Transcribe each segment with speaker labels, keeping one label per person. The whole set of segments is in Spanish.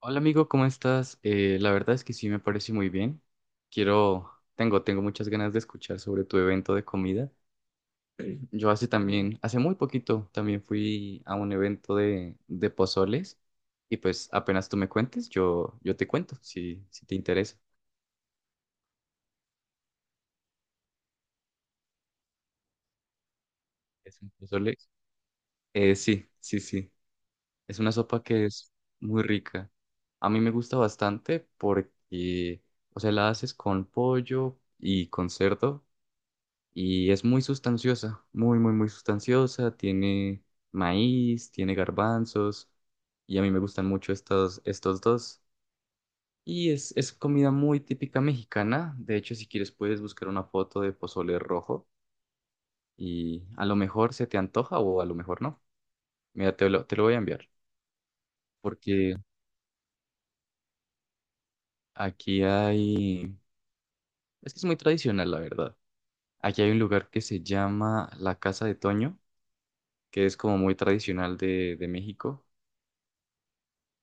Speaker 1: Hola amigo, ¿cómo estás? La verdad es que sí me parece muy bien. Quiero, tengo muchas ganas de escuchar sobre tu evento de comida. Yo hace también, hace muy poquito, también fui a un evento de pozoles y pues apenas tú me cuentes, yo te cuento si te interesa. ¿Es un pozole? Sí, sí, sí. Es una sopa que es muy rica. A mí me gusta bastante porque, o sea, la haces con pollo y con cerdo. Y es muy sustanciosa, muy, muy, muy sustanciosa. Tiene maíz, tiene garbanzos y a mí me gustan mucho estos, estos dos. Y es comida muy típica mexicana. De hecho, si quieres puedes buscar una foto de pozole rojo y a lo mejor se te antoja o a lo mejor no. Mira, te lo voy a enviar porque aquí hay... Es que es muy tradicional, la verdad. Aquí hay un lugar que se llama La Casa de Toño, que es como muy tradicional de México.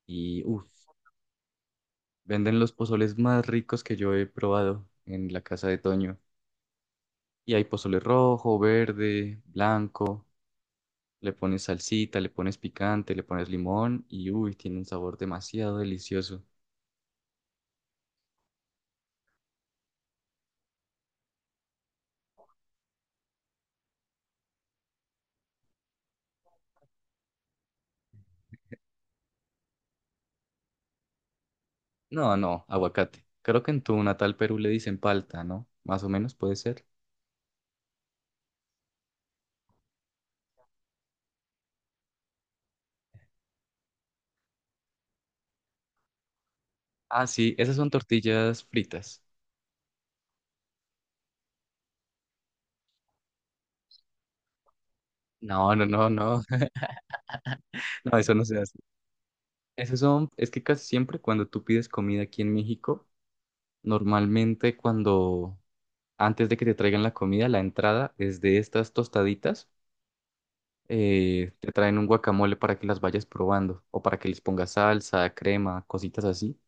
Speaker 1: Y uff, venden los pozoles más ricos que yo he probado en la Casa de Toño. Y hay pozole rojo, verde, blanco. Le pones salsita, le pones picante, le pones limón y uy, tiene un sabor demasiado delicioso. No, no, aguacate. Creo que en tu natal Perú le dicen palta, ¿no? Más o menos puede ser. Ah, sí, esas son tortillas fritas. No, no, no, no. No, eso no se hace. Esos son, es que casi siempre cuando tú pides comida aquí en México, normalmente cuando antes de que te traigan la comida, la entrada es de estas tostaditas. Te traen un guacamole para que las vayas probando o para que les pongas salsa, crema, cositas así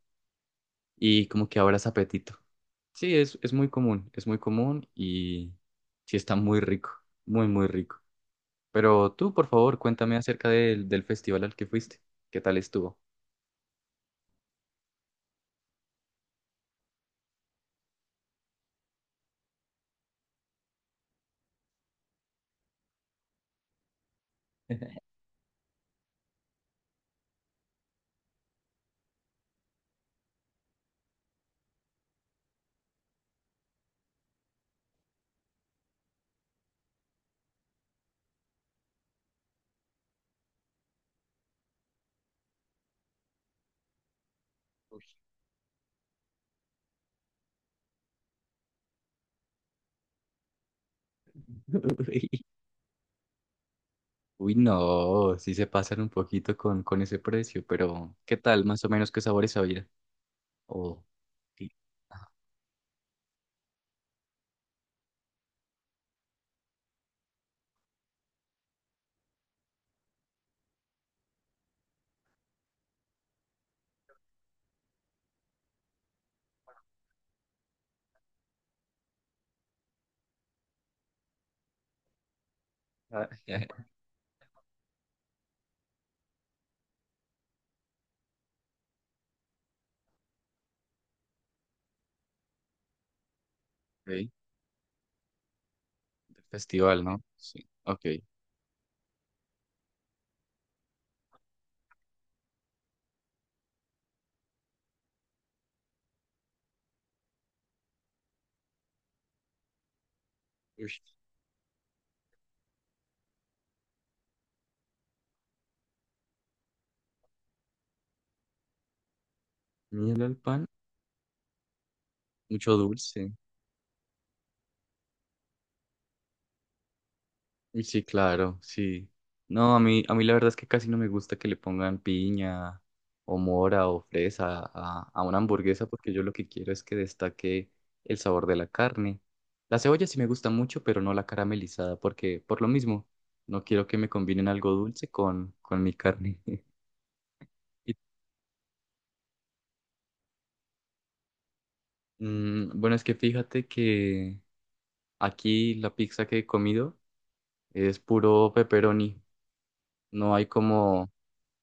Speaker 1: y como que abras apetito. Sí, es muy común, es muy común y sí está muy rico, muy, muy rico. Pero tú, por favor, cuéntame acerca del festival al que fuiste. ¿Qué tal estuvo? Uy, uy, no, sí se pasan un poquito con ese precio, pero ¿qué tal más o menos qué sabores había? O sí. Ah, ok, del festival, ¿no? Sí, ok. Uy, miel al pan, mucho dulce. Uy, sí, claro, sí. No, a mí la verdad es que casi no me gusta que le pongan piña o mora o fresa a una hamburguesa porque yo lo que quiero es que destaque el sabor de la carne. La cebolla sí me gusta mucho, pero no la caramelizada porque por lo mismo no quiero que me combinen algo dulce con mi carne. Y, bueno, es que fíjate que... Aquí la pizza que he comido es puro pepperoni. No hay como,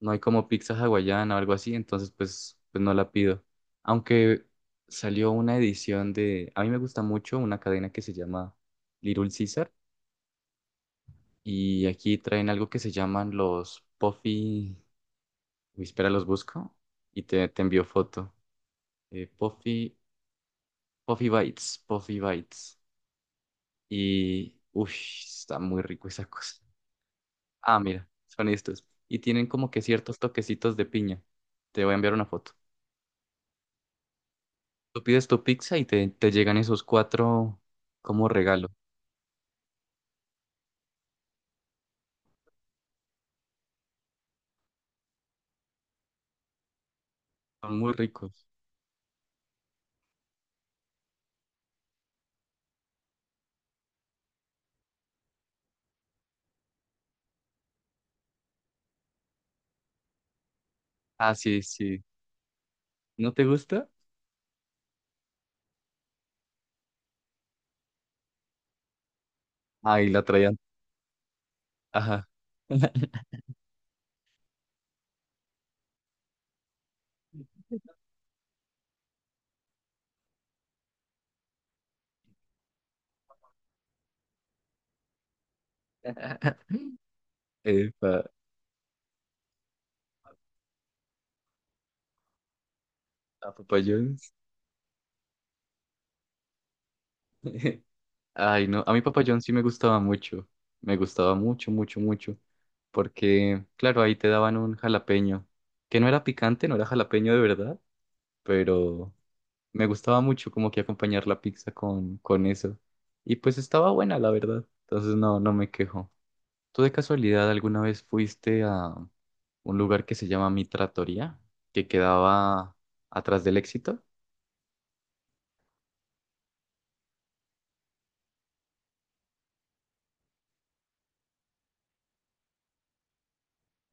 Speaker 1: no hay como pizza hawaiana o algo así, entonces pues, pues no la pido. Aunque salió una edición de, a mí me gusta mucho una cadena que se llama Little Caesar y aquí traen algo que se llaman los Puffy, uy, espera, los busco y te envío foto. Eh, Puffy, Puffy Bites, Puffy Bites. Y, uff, está muy rico esa cosa. Ah, mira, son estos. Y tienen como que ciertos toquecitos de piña. Te voy a enviar una foto. Tú pides tu pizza y te llegan esos cuatro como regalo. Son muy ricos. Ah, sí, sí. ¿No te gusta? Ah, y la traían. Ajá. Epa, a Papa John's. Ay, no, a mí Papa John's sí me gustaba mucho. Me gustaba mucho, mucho, mucho. Porque, claro, ahí te daban un jalapeño. Que no era picante, no era jalapeño de verdad, pero me gustaba mucho como que acompañar la pizza con eso. Y pues estaba buena, la verdad. Entonces no, no me quejo. ¿Tú de casualidad alguna vez fuiste a un lugar que se llama Mi Trattoria, que quedaba atrás del Éxito?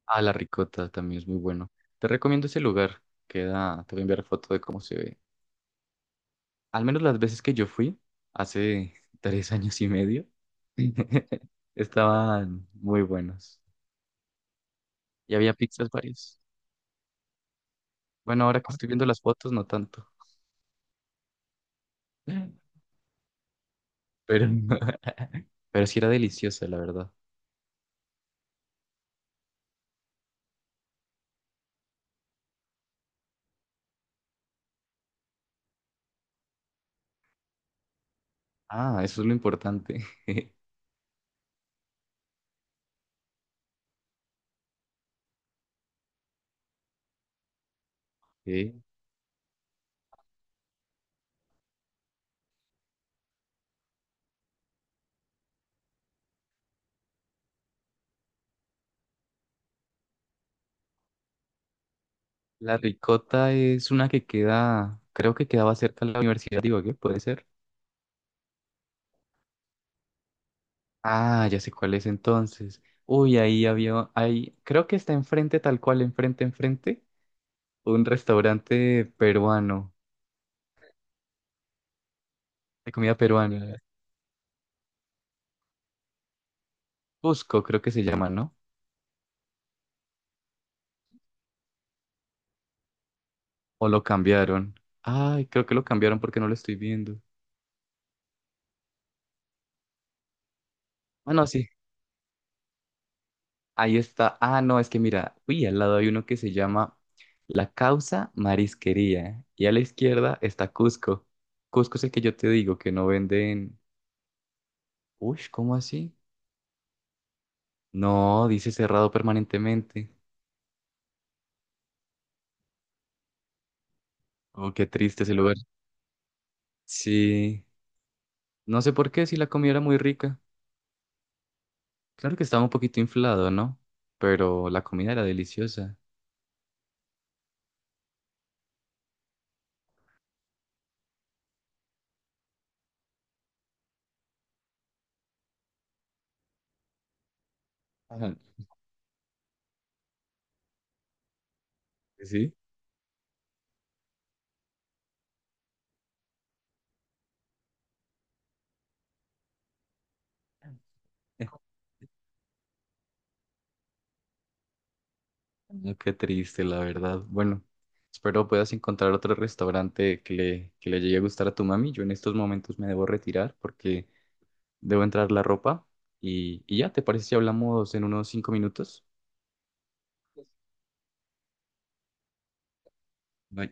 Speaker 1: Ah, La Ricota también es muy bueno. Te recomiendo ese lugar. Queda, te voy a enviar foto de cómo se ve. Al menos las veces que yo fui, hace 3 años y medio, estaban muy buenos. Y había pizzas varias. Bueno, ahora que estoy viendo las fotos, no tanto. Pero, pero sí era deliciosa, la verdad. Ah, eso es lo importante. Sí. La Ricota es una que queda, creo que quedaba cerca de la universidad, digo, ¿qué puede ser? Ah, ya sé cuál es entonces. Uy, ahí había, ahí, creo que está enfrente, tal cual, enfrente, enfrente, un restaurante peruano, de comida peruana. Cusco, creo que se llama, ¿no? O lo cambiaron. Ay, creo que lo cambiaron porque no lo estoy viendo. Bueno, sí. Ahí está. Ah, no, es que mira, uy, al lado hay uno que se llama La Causa Marisquería. Y a la izquierda está Cusco. Cusco es el que yo te digo, que no venden. Uy, ¿cómo así? No, dice cerrado permanentemente. Oh, qué triste ese lugar. Sí. No sé por qué, si la comida era muy rica. Claro que estaba un poquito inflado, ¿no? Pero la comida era deliciosa. Ajá. ¿Sí? Mm, qué triste, la verdad. Bueno, espero puedas encontrar otro restaurante que le llegue a gustar a tu mami. Yo en estos momentos me debo retirar porque debo entrar la ropa. Y ya, ¿te parece si hablamos en unos 5 minutos? Bye.